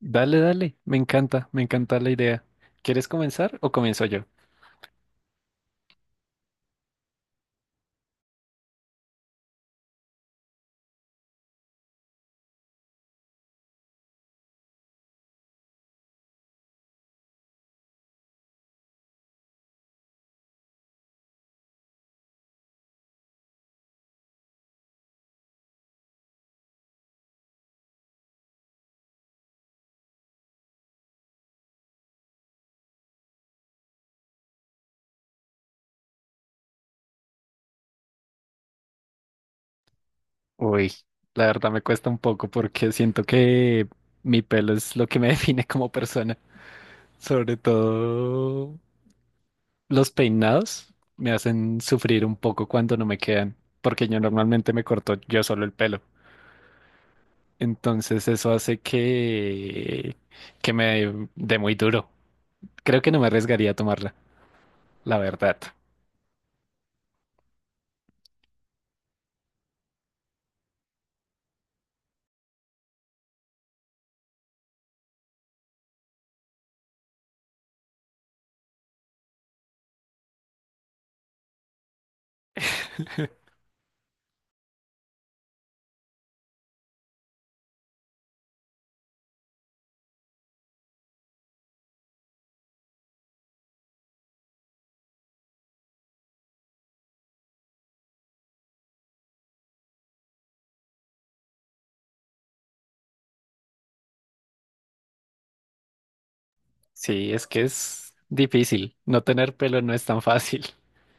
Dale, dale, me encanta la idea. ¿Quieres comenzar o comienzo yo? Uy, la verdad me cuesta un poco porque siento que mi pelo es lo que me define como persona. Sobre todo los peinados me hacen sufrir un poco cuando no me quedan, porque yo normalmente me corto yo solo el pelo. Entonces eso hace que me dé muy duro. Creo que no me arriesgaría a tomarla, la verdad. Sí, es que es difícil. No tener pelo no es tan fácil.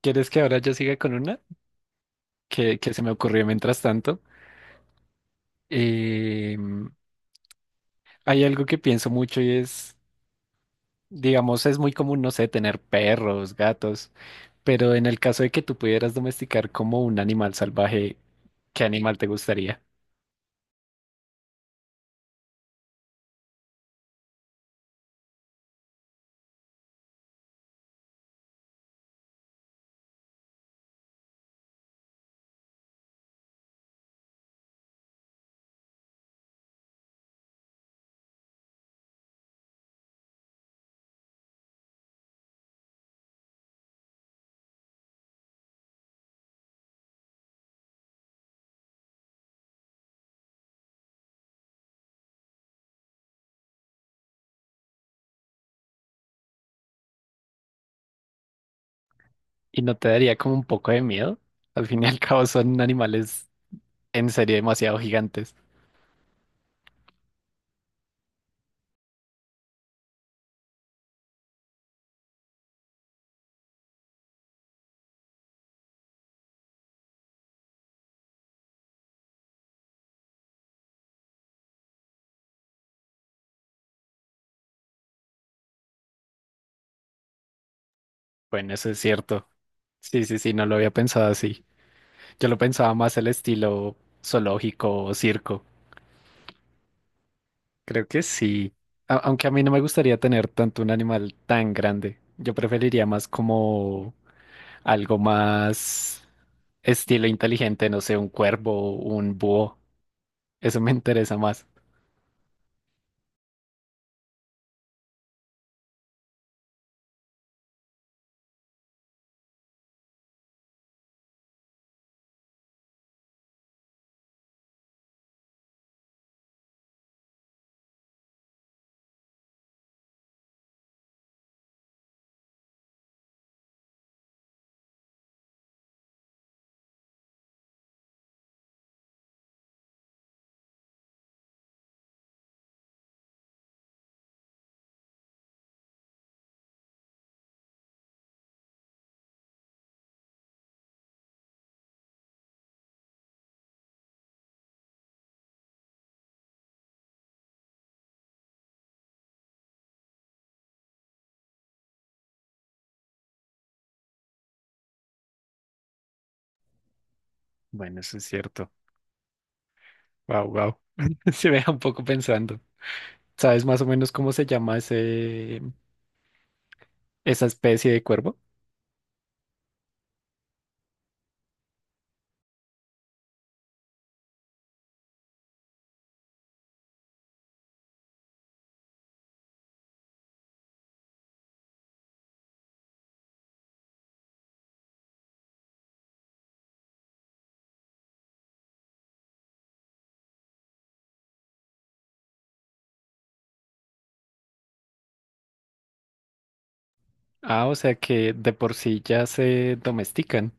¿Quieres que ahora yo siga con una que se me ocurrió mientras tanto? Em, Hay algo que pienso mucho y es, digamos, es muy común, no sé, tener perros, gatos, pero en el caso de que tú pudieras domesticar como un animal salvaje, ¿qué animal te gustaría? ¿Y no te daría como un poco de miedo? Al fin y al cabo son animales en serio demasiado gigantes. Bueno, eso es cierto. Sí, sí, sí, no lo había pensado así. Yo lo pensaba más el estilo zoológico o circo. Creo que sí. Aunque a mí no me gustaría tener tanto un animal tan grande. Yo preferiría más como algo más estilo inteligente, no sé, un cuervo, un búho. Eso me interesa más. Bueno, eso es cierto. Wow, wow. Se me deja un poco pensando. ¿Sabes más o menos cómo se llama esa especie de cuervo? Ah, o sea que de por sí ya se domestican.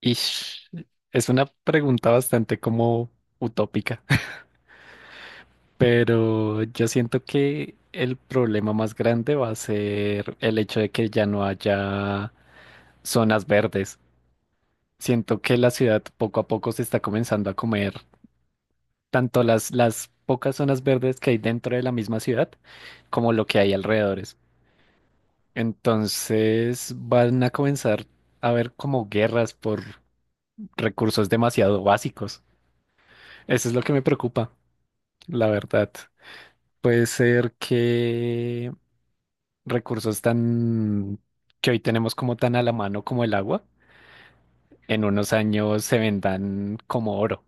Ish, es una pregunta bastante como utópica, pero yo siento que el problema más grande va a ser el hecho de que ya no haya zonas verdes. Siento que la ciudad poco a poco se está comenzando a comer tanto las pocas zonas verdes que hay dentro de la misma ciudad como lo que hay alrededores. Entonces van a comenzar a haber como guerras por recursos demasiado básicos. Eso es lo que me preocupa, la verdad. Puede ser que recursos tan que hoy tenemos como tan a la mano como el agua, en unos años se vendan como oro.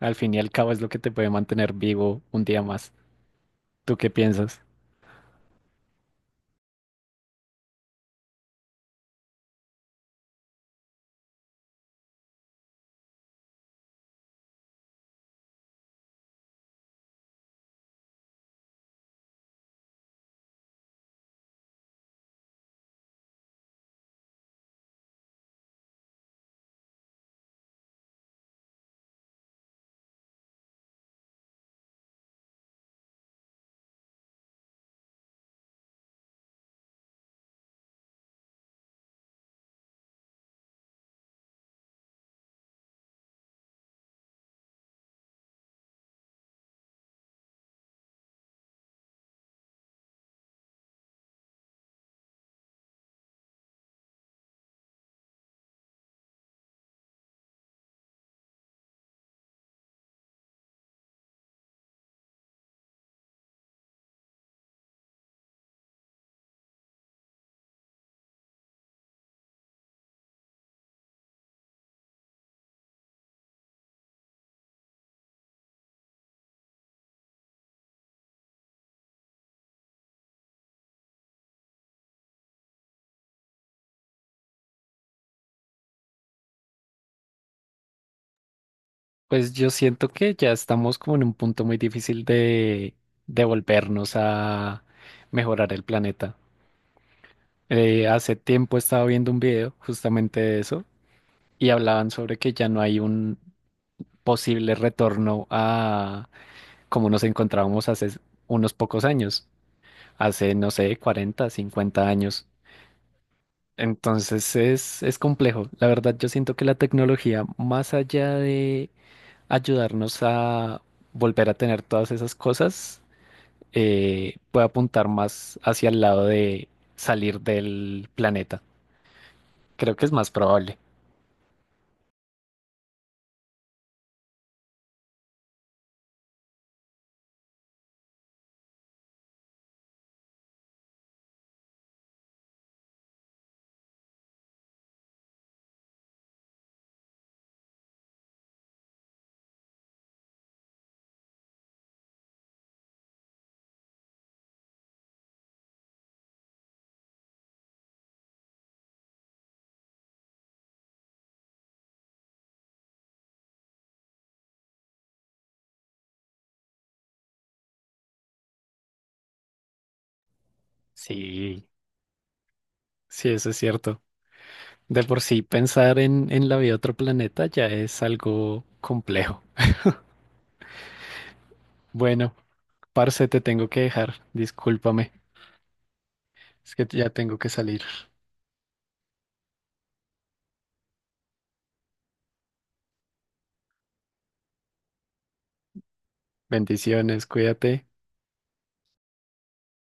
Al fin y al cabo es lo que te puede mantener vivo un día más. ¿Tú qué piensas? Pues yo siento que ya estamos como en un punto muy difícil de volvernos a mejorar el planeta. Hace tiempo estaba viendo un video justamente de eso y hablaban sobre que ya no hay un posible retorno como nos encontrábamos hace unos pocos años, hace, no sé, 40, 50 años. Entonces es complejo. La verdad, yo siento que la tecnología, más allá de ayudarnos a volver a tener todas esas cosas, puede apuntar más hacia el lado de salir del planeta. Creo que es más probable. Sí, sí, eso es cierto. De por sí, pensar en la vida de otro planeta ya es algo complejo. Bueno, Parce, te tengo que dejar, discúlpame, es que ya tengo que salir. Bendiciones, cuídate.